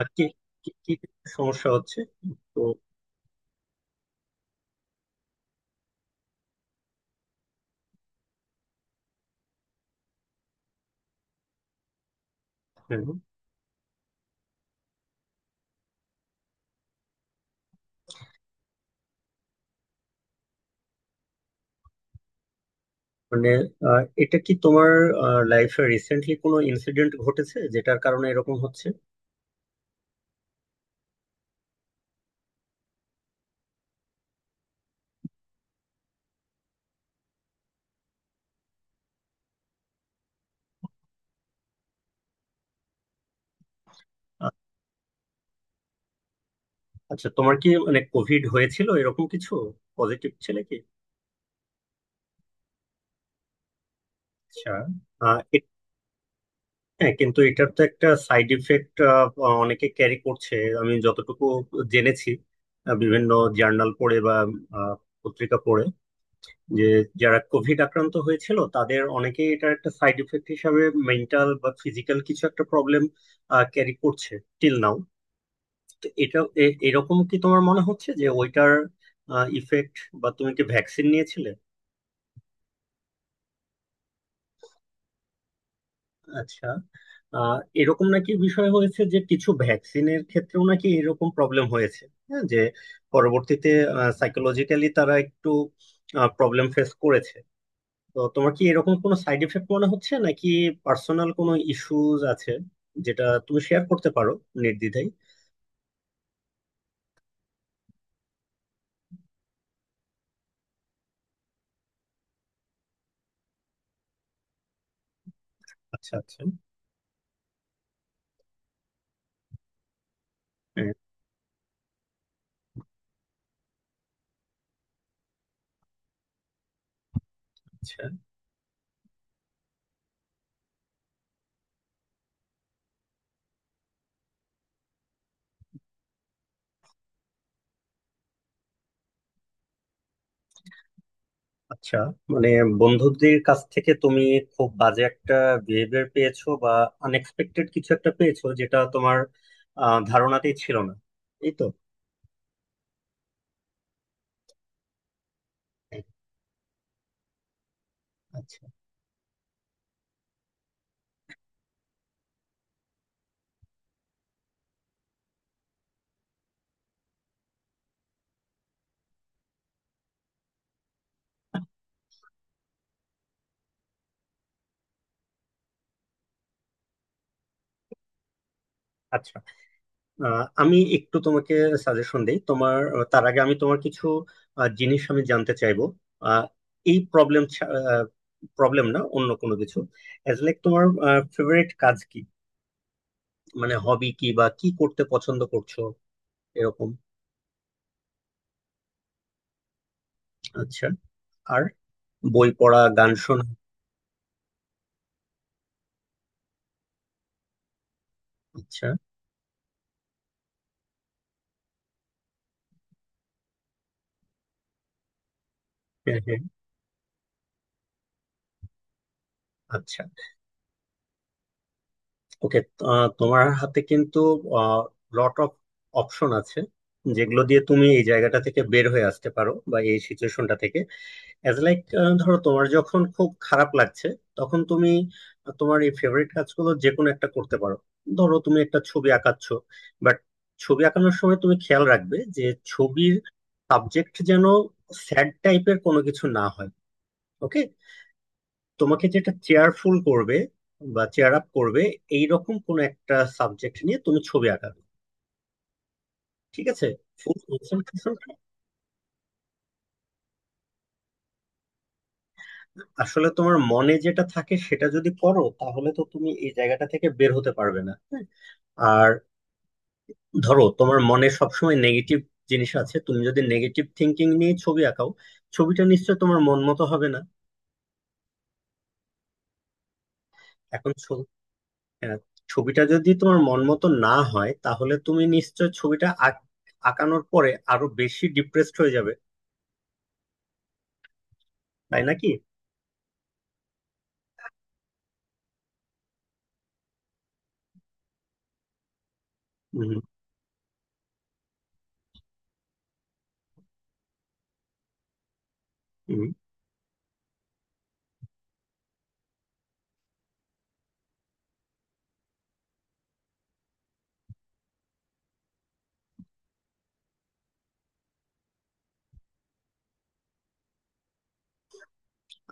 আর কি কি কি সমস্যা হচ্ছে? তো হ্যাঁ, মানে এটা কি তোমার লাইফে রিসেন্টলি কোনো ইনসিডেন্ট ঘটেছে যেটার কারণে এরকম হচ্ছে? আ- আচ্ছা, তোমার কি মানে কোভিড হয়েছিল, এরকম কিছু? পজিটিভ ছিল কি? আচ্ছা। আহ, এ- হ্যাঁ, কিন্তু এটার তো একটা সাইড ইফেক্ট অনেকে ক্যারি করছে। আমি যতটুকু জেনেছি, বিভিন্ন জার্নাল পড়ে বা আহ, পত্রিকা পড়ে, যে যারা কোভিড আক্রান্ত হয়েছিল তাদের অনেকেই এটার একটা সাইড এফেক্ট হিসাবে মেন্টাল বা ফিজিক্যাল কিছু একটা প্রবলেম ক্যারি করছে টিল নাও। তো এটা এরকম কি তোমার মনে হচ্ছে যে ওইটার ইফেক্ট? বা তুমি কি ভ্যাকসিন নিয়েছিলে? আচ্ছা। আহ, এরকম নাকি বিষয় হয়েছে যে কিছু ভ্যাকসিনের ক্ষেত্রেও নাকি এরকম প্রবলেম হয়েছে, হ্যাঁ, যে পরবর্তীতে সাইকোলজিক্যালি তারা একটু প্রবলেম ফেস করেছে। তো তোমার কি এরকম কোনো সাইড এফেক্ট মনে হচ্ছে নাকি পার্সোনাল কোনো ইস্যুজ আছে যেটা তুমি শেয়ার করতে পারো নির্দ্বিধায়? আচ্ছা, আচ্ছা. হ্যাঁ, আচ্ছা, আচ্ছা। মানে বন্ধুদের কাছ থেকে তুমি খুব বাজে একটা বিহেভিয়ার পেয়েছো বা আনএক্সপেক্টেড কিছু একটা পেয়েছো যেটা তোমার ধারণাতেই ছিল না, এই তো। হ্যাঁ, আচ্ছা, আচ্ছা। আমি একটু তোমাকে সাজেশন দিই। তোমার তার আগে আমি তোমার কিছু জিনিস আমি জানতে চাইবো। আহ, এই প্রবলেম প্রবলেম না, অন্য কোনো কিছু। এজ লাইক তোমার ফেভারিট কাজ কি? মানে হবি কি, বা কি করতে পছন্দ করছো এরকম? আচ্ছা। আর বই পড়া, গান শোনা? আচ্ছা। হ্যাঁ, হ্যাঁ। আচ্ছা। ওকে, তোমার হাতে কিন্তু লট অফ অপশন আছে যেগুলো দিয়ে তুমি এই জায়গাটা থেকে বের হয়ে আসতে পারো, বা এই সিচুয়েশনটা থেকে। অ্যাজ লাইক, ধরো তোমার যখন খুব খারাপ লাগছে তখন তুমি তোমার এই ফেভারিট কাজগুলো যে কোনো একটা করতে পারো। ধরো তুমি একটা ছবি আঁকাচ্ছ, বাট ছবি আঁকানোর সময় তুমি খেয়াল রাখবে যে ছবির সাবজেক্ট যেন স্যাড টাইপের কোনো কিছু না হয়। ওকে? তোমাকে যেটা চেয়ারফুল করবে বা চেয়ার আপ করবে এই রকম কোনো একটা সাবজেক্ট নিয়ে তুমি ছবি আঁকাবে, ঠিক আছে? ফুল কনসেন্ট্রেশন। আসলে তোমার মনে যেটা থাকে সেটা যদি করো তাহলে তো তুমি এই জায়গাটা থেকে বের হতে পারবে না, হ্যাঁ? আর ধরো তোমার মনে সবসময় নেগেটিভ জিনিস আছে, তুমি যদি নেগেটিভ থিঙ্কিং নিয়ে ছবি আঁকাও, ছবিটা নিশ্চয় তোমার মন মতো হবে না। এখন আহ, ছবিটা যদি তোমার মন মতো না হয় তাহলে তুমি নিশ্চয় আঁকানোর পরে আরো বেশি ডিপ্রেসড হয়ে যাবে, তাই নাকি? হুম, হুম।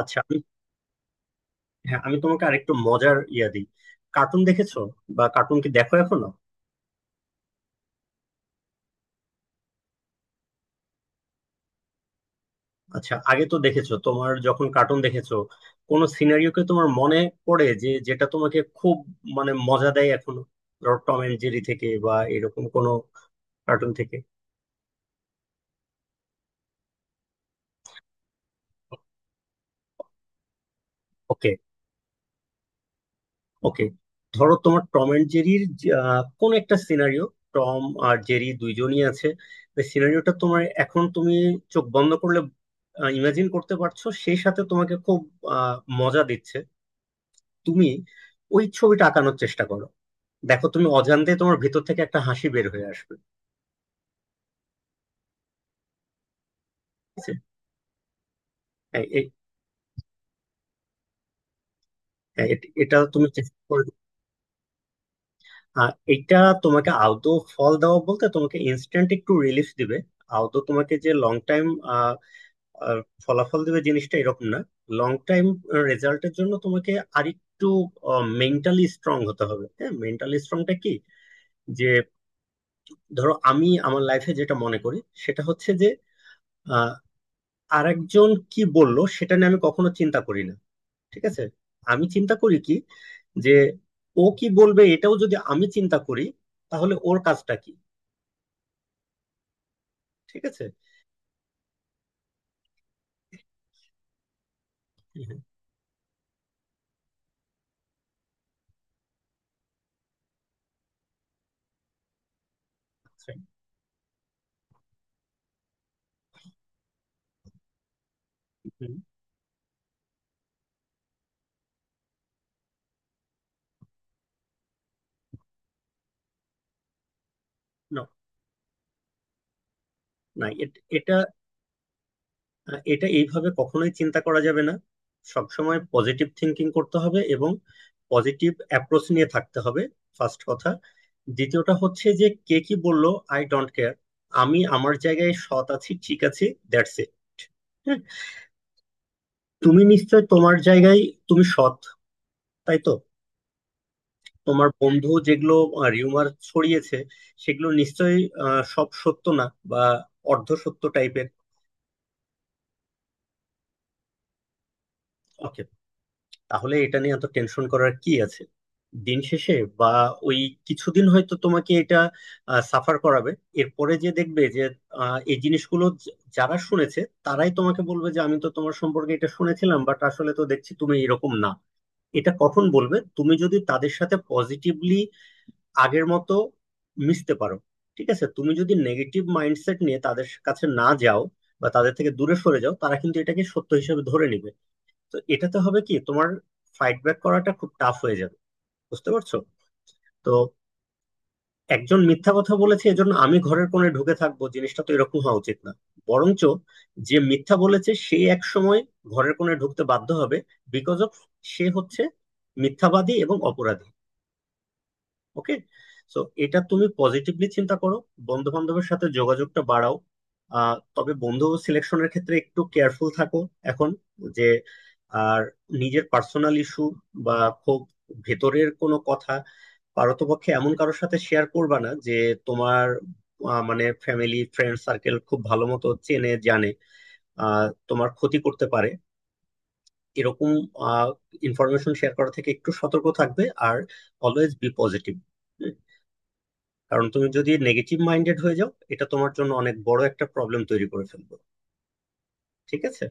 আচ্ছা আমি, হ্যাঁ আমি তোমাকে আরেকটু মজার ইয়া দিই। কার্টুন দেখেছো, বা কার্টুন কি দেখো এখনো? আচ্ছা, আগে তো দেখেছো। তোমার যখন কার্টুন দেখেছো কোন সিনারিওকে তোমার মনে পড়ে যে যেটা তোমাকে খুব মানে মজা দেয় এখনো? ধরো টম এন্ড জেরি থেকে বা এরকম কোন কার্টুন থেকে। ওকে, ওকে। ধরো তোমার টম এন্ড জেরির কোন একটা সিনারিও, টম আর জেরি দুইজনই আছে, সিনারিওটা তোমার এখন তুমি চোখ বন্ধ করলে ইমাজিন করতে পারছো, সেই সাথে তোমাকে খুব আহ, মজা দিচ্ছে। তুমি ওই ছবিটা আঁকানোর চেষ্টা করো, দেখো তুমি অজান্তে তোমার ভেতর থেকে একটা হাসি বের হয়ে আসবে। ঠিক আছে? এ- এ- এটা তুমি আর এটা তোমাকে আদৌ ফল দেওয়া বলতে তোমাকে ইনস্ট্যান্ট একটু রিলিফ দিবে, আদৌ তোমাকে যে লং টাইম ফলাফল দিবে জিনিসটা এরকম না। লং টাইম রেজাল্টের জন্য তোমাকে আরেকটু মেন্টালি স্ট্রং হতে হবে। হ্যাঁ, মেন্টালি স্ট্রংটা কি যে ধরো আমি আমার লাইফে যেটা মনে করি সেটা হচ্ছে যে আহ, আরেকজন কি বললো সেটা নিয়ে আমি কখনো চিন্তা করি না, ঠিক আছে? আমি চিন্তা করি কি, যে ও কি বলবে এটাও যদি আমি চিন্তা করি, তাহলে ওর কাজটা কি? ঠিক আছে। হ্যাঁ, আচ্ছা, হুম, না, এটা এটা এইভাবে কখনোই চিন্তা করা যাবে না। সবসময় পজিটিভ থিঙ্কিং করতে হবে এবং পজিটিভ অ্যাপ্রোচ নিয়ে থাকতে হবে, ফার্স্ট কথা। দ্বিতীয়টা হচ্ছে যে কে কি বললো আই ডোন্ট কেয়ার, আমি আমার জায়গায় সৎ আছি, ঠিক আছে? That's it. তুমি নিশ্চয় তোমার জায়গায় তুমি সৎ, তাই তো? তোমার বন্ধু যেগুলো রিউমার ছড়িয়েছে সেগুলো নিশ্চয়ই সব সত্য না, বা অর্ধ সত্য টাইপের। ওকে, তাহলে এটা নিয়ে এত টেনশন করার কি আছে? দিন শেষে বা ওই কিছুদিন হয়তো তোমাকে এটা সাফার করাবে, এরপরে যে দেখবে যে এই জিনিসগুলো যারা শুনেছে তারাই তোমাকে বলবে যে আমি তো তোমার সম্পর্কে এটা শুনেছিলাম বাট আসলে তো দেখছি তুমি এরকম না। এটা কখন বলবে? তুমি যদি তাদের সাথে পজিটিভলি আগের মতো মিশতে পারো, ঠিক আছে? তুমি যদি নেগেটিভ মাইন্ডসেট নিয়ে তাদের কাছে না যাও বা তাদের থেকে দূরে সরে যাও তারা কিন্তু এটাকে সত্য হিসেবে ধরে নিবে। তো এটাতে হবে কি, তোমার ফাইট ব্যাক করাটা খুব টাফ হয়ে যাবে, বুঝতে পারছো? তো একজন মিথ্যা কথা বলেছে এজন্য আমি ঘরের কোণে ঢুকে থাকবো জিনিসটা তো এরকম হওয়া উচিত না। বরঞ্চ যে মিথ্যা বলেছে সে এক সময় ঘরের কোণে ঢুকতে বাধ্য হবে, বিকজ অফ সে হচ্ছে মিথ্যাবাদী এবং অপরাধী, ওকে? সো এটা তুমি পজিটিভলি চিন্তা করো, বন্ধু বান্ধবের সাথে যোগাযোগটা বাড়াও। তবে বন্ধু সিলেকশনের ক্ষেত্রে একটু কেয়ারফুল থাকো এখন, যে আর নিজের পার্সোনাল ইস্যু বা খুব ভেতরের কোনো কথা পারতপক্ষে এমন কারোর সাথে শেয়ার করবা না যে তোমার মানে ফ্যামিলি ফ্রেন্ড সার্কেল খুব ভালো মতো চেনে জানে, তোমার ক্ষতি করতে পারে, এরকম ইনফরমেশন শেয়ার করা থেকে একটু সতর্ক থাকবে। আর অলওয়েজ বি পজিটিভ, কারণ তুমি যদি নেগেটিভ মাইন্ডেড হয়ে যাও এটা তোমার জন্য অনেক বড় একটা প্রবলেম তৈরি করে ফেলবে, ঠিক আছে?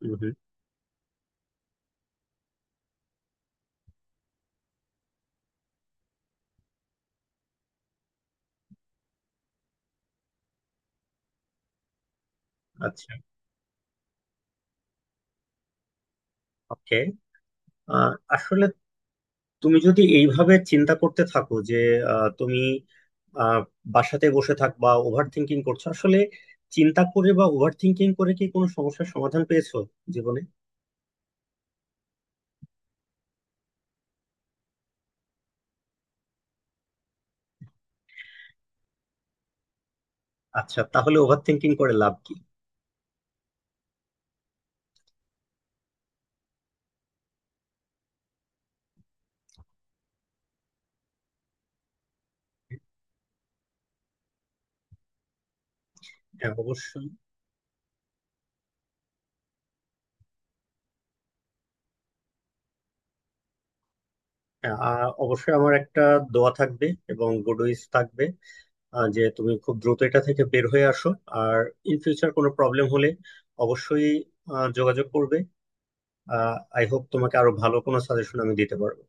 হুম, হুম। আচ্ছা, ওকে। আসলে তুমি যদি এইভাবে চিন্তা করতে থাকো যে তুমি আহ, বাসাতে বসে থাকবা ওভার থিংকিং করছো, আসলে চিন্তা করে বা ওভার থিংকিং করে কি কোনো সমস্যার সমাধান পেয়েছো জীবনে? আচ্ছা, তাহলে ওভার থিংকিং করে লাভ কি? হ্যাঁ, অবশ্যই। হ্যাঁ, অবশ্যই আমার একটা দোয়া থাকবে এবং গুড উইশ থাকবে, যে তুমি খুব দ্রুত এটা থেকে বের হয়ে আসো। আর ইন ফিউচার কোনো প্রবলেম হলে অবশ্যই যোগাযোগ করবে। আই হোপ তোমাকে আরো ভালো কোনো সাজেশন আমি দিতে পারবো।